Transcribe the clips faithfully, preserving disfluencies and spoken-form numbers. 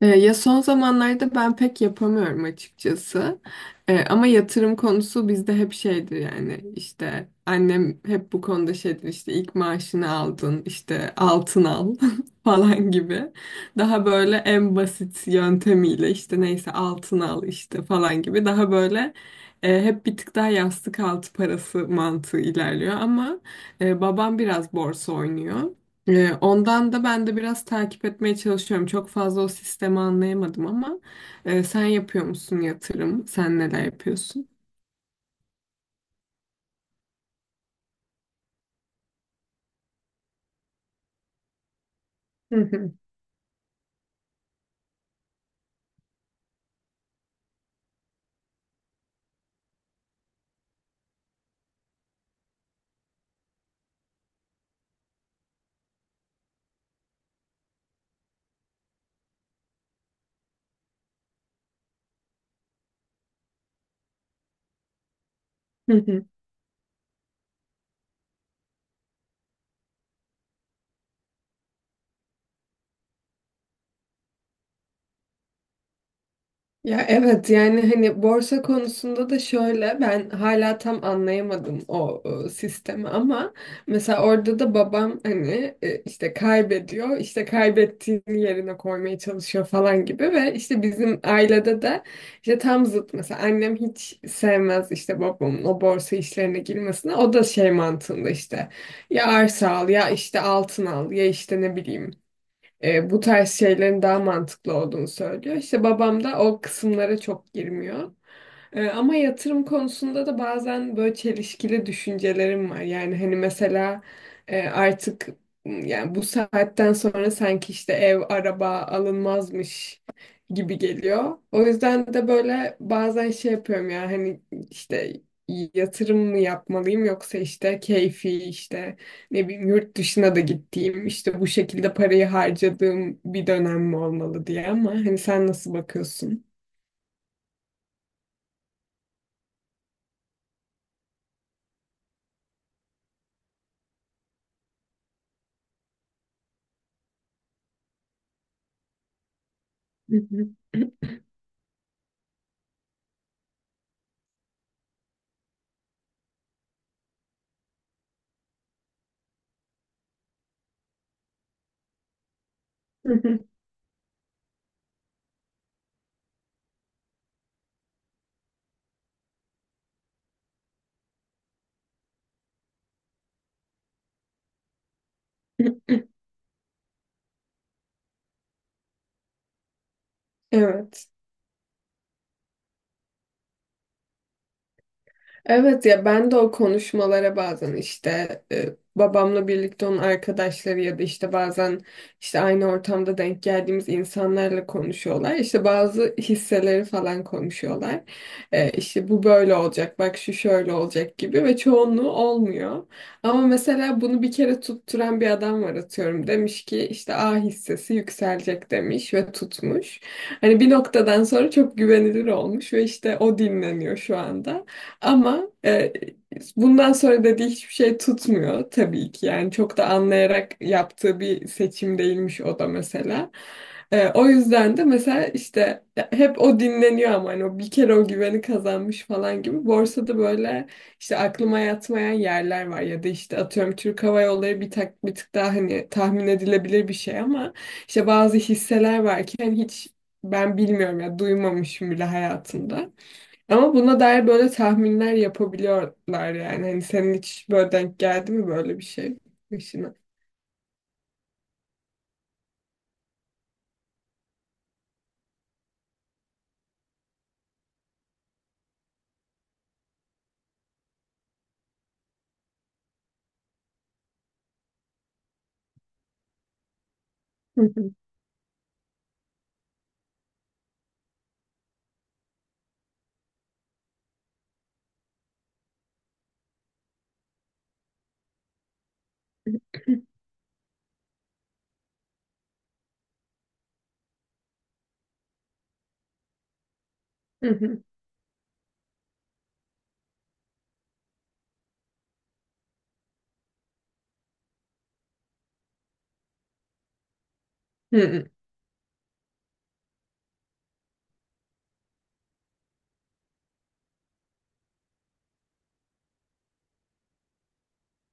E, Ya son zamanlarda ben pek yapamıyorum açıkçası. E, ama yatırım konusu bizde hep şeydir, yani işte annem hep bu konuda şeydir, işte ilk maaşını aldın işte altın al falan gibi. Daha böyle en basit yöntemiyle işte neyse altın al işte falan gibi, daha böyle e, hep bir tık daha yastık altı parası mantığı ilerliyor. Ama e, babam biraz borsa oynuyor. Ee, Ondan da ben de biraz takip etmeye çalışıyorum. Çok fazla o sistemi anlayamadım ama e, sen yapıyor musun yatırım? Sen neler yapıyorsun? Hı hı. Ya evet, yani hani borsa konusunda da şöyle, ben hala tam anlayamadım o, e, sistemi, ama mesela orada da babam, hani e, işte kaybediyor, işte kaybettiğini yerine koymaya çalışıyor falan gibi. Ve işte bizim ailede de işte tam zıt, mesela annem hiç sevmez işte babamın o borsa işlerine girmesine. O da şey mantığında, işte ya arsa al, ya işte altın al, ya işte ne bileyim, e, bu tarz şeylerin daha mantıklı olduğunu söylüyor. İşte babam da o kısımlara çok girmiyor. Ee, ama yatırım konusunda da bazen böyle çelişkili düşüncelerim var. Yani hani mesela, e, artık m, yani bu saatten sonra sanki işte ev, araba alınmazmış gibi geliyor. O yüzden de böyle bazen şey yapıyorum, ya hani işte yatırım mı yapmalıyım, yoksa işte keyfi, işte ne bileyim yurt dışına da gittiğim, işte bu şekilde parayı harcadığım bir dönem mi olmalı diye. Ama hani sen nasıl bakıyorsun? Evet. Evet ya, ben de o konuşmalara bazen, işte e, babamla birlikte onun arkadaşları, ya da işte bazen işte aynı ortamda denk geldiğimiz insanlarla konuşuyorlar. İşte bazı hisseleri falan konuşuyorlar. E, işte bu böyle olacak, bak şu şöyle olacak gibi. Ve çoğunluğu olmuyor. Ama mesela bunu bir kere tutturan bir adam var, atıyorum. Demiş ki işte A hissesi yükselecek demiş ve tutmuş. Hani bir noktadan sonra çok güvenilir olmuş ve işte o dinleniyor şu anda. Ama e, bundan sonra dediği hiçbir şey tutmuyor tabii ki. Yani çok da anlayarak yaptığı bir seçim değilmiş o da, mesela. E, o yüzden de mesela işte hep o dinleniyor, ama hani o bir kere o güveni kazanmış falan gibi. Borsada böyle işte aklıma yatmayan yerler var, ya da işte atıyorum Türk Hava Yolları bir, tak, bir tık daha hani tahmin edilebilir bir şey. Ama işte bazı hisseler var ki hani hiç ben bilmiyorum, ya duymamışım bile hayatımda. Ama buna dair böyle tahminler yapabiliyorlar yani. Hani senin hiç böyle denk geldi mi böyle bir şey başına? Hı hı. Hı hı. Hı hı.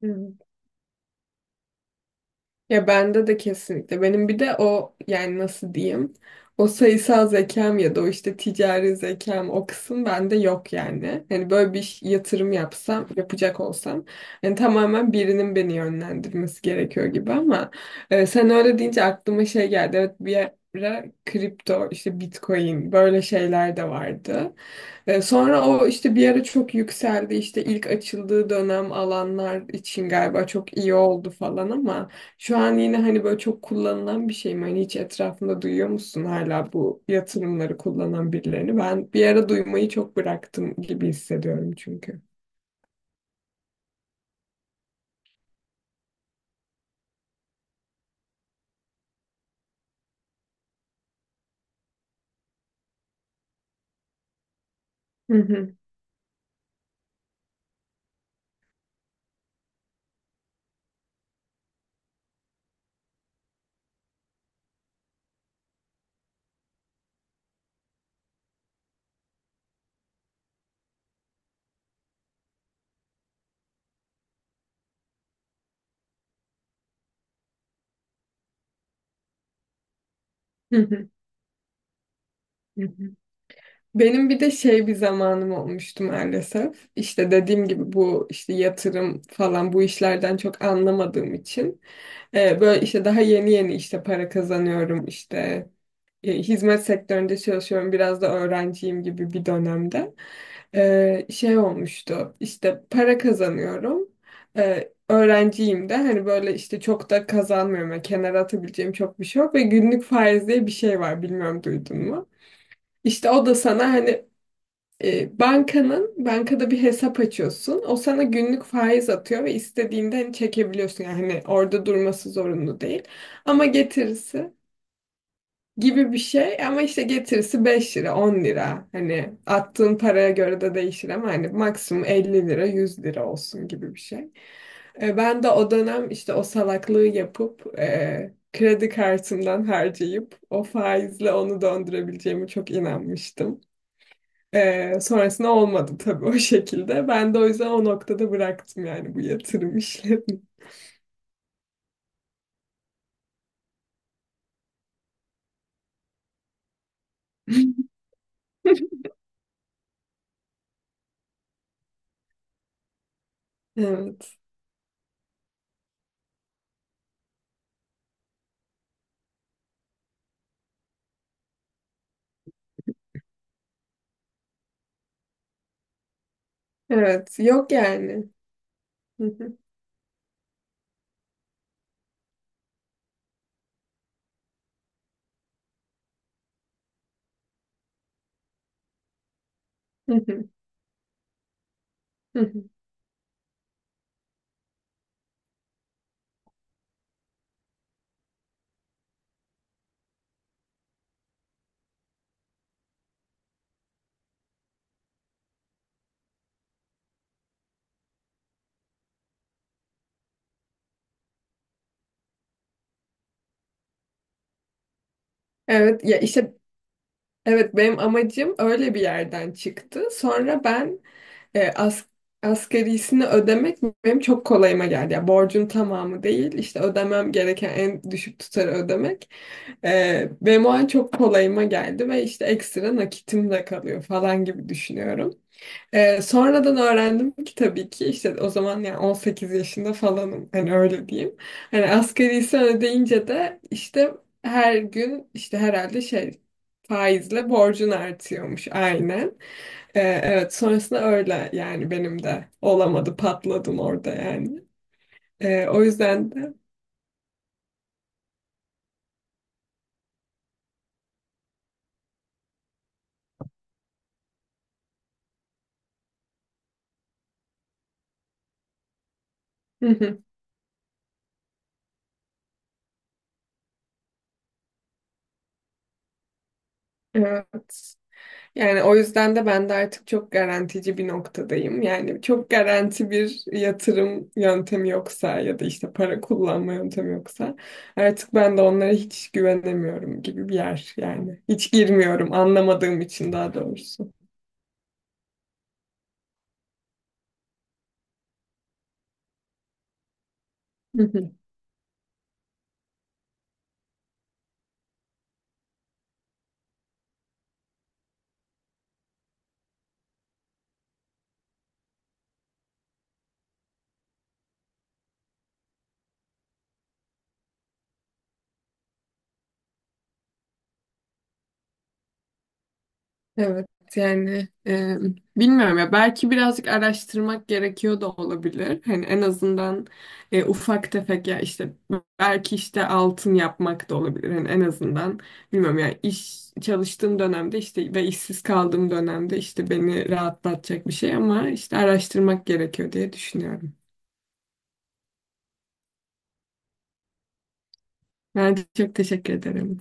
Hı. Ya bende de kesinlikle. Benim bir de o, yani nasıl diyeyim? O sayısal zekam ya da o işte ticari zekam, o kısım bende yok yani. Hani böyle bir ş- yatırım yapsam, yapacak olsam, yani tamamen birinin beni yönlendirmesi gerekiyor gibi. Ama e, sen öyle deyince aklıma şey geldi. Evet, bir ara kripto, işte Bitcoin, böyle şeyler de vardı. E, Sonra o işte bir ara çok yükseldi. İşte ilk açıldığı dönem alanlar için galiba çok iyi oldu falan. Ama şu an yine hani böyle çok kullanılan bir şey mi? Hani hiç etrafında duyuyor musun hala bu yatırımları kullanan birilerini? Ben bir ara duymayı çok bıraktım gibi hissediyorum çünkü. Hı hı, hı hı, hı hı. Benim bir de şey bir zamanım olmuştu maalesef. İşte dediğim gibi, bu işte yatırım falan, bu işlerden çok anlamadığım için, e, böyle işte daha yeni yeni işte para kazanıyorum, işte e, hizmet sektöründe çalışıyorum, biraz da öğrenciyim gibi bir dönemde. E, şey olmuştu, işte para kazanıyorum, E, öğrenciyim de, hani böyle işte çok da kazanmıyorum. Yani kenara atabileceğim çok bir şey yok, ve günlük faiz diye bir şey var, bilmiyorum duydun mu? İşte o da sana hani e, bankanın bankada bir hesap açıyorsun. O sana günlük faiz atıyor ve istediğinde hani çekebiliyorsun. Yani hani orada durması zorunlu değil. Ama getirisi gibi bir şey. Ama işte getirisi beş lira on lira, hani attığın paraya göre de değişir, ama hani maksimum elli lira yüz lira olsun gibi bir şey. E, ben de o dönem işte o salaklığı yapıp, e, kredi kartımdan harcayıp o faizle onu döndürebileceğimi çok inanmıştım. Ee, sonrasında olmadı tabii o şekilde. Ben de o yüzden o noktada bıraktım yani bu yatırım işlerini. Evet. Evet. Yok yani. Hı hı, hı hı, hı hı. Evet ya işte, evet benim amacım öyle bir yerden çıktı. Sonra ben e, as asgarisini ödemek benim çok kolayıma geldi. Yani borcun tamamı değil, işte ödemem gereken en düşük tutarı ödemek. E, benim o an çok kolayıma geldi ve işte ekstra nakitim de kalıyor falan gibi düşünüyorum. Ee, sonradan öğrendim ki tabii ki, işte o zaman yani on sekiz yaşında falanım, hani öyle diyeyim. Hani asgarisini ödeyince de işte her gün işte herhalde şey faizle borcun artıyormuş, aynen. Ee, evet, sonrasında öyle, yani benim de olamadı, patladım orada yani. Ee, o yüzden de evet. Yani o yüzden de ben de artık çok garantici bir noktadayım. Yani çok garanti bir yatırım yöntemi yoksa, ya da işte para kullanma yöntemi yoksa, artık ben de onlara hiç güvenemiyorum gibi bir yer yani. Hiç girmiyorum, anlamadığım için daha doğrusu. Evet yani, e, bilmiyorum ya, belki birazcık araştırmak gerekiyor da olabilir. Hani en azından e, ufak tefek, ya işte belki işte altın yapmak da olabilir. Hani en azından bilmiyorum ya, iş çalıştığım dönemde işte ve işsiz kaldığım dönemde işte beni rahatlatacak bir şey, ama işte araştırmak gerekiyor diye düşünüyorum. Ben çok teşekkür ederim.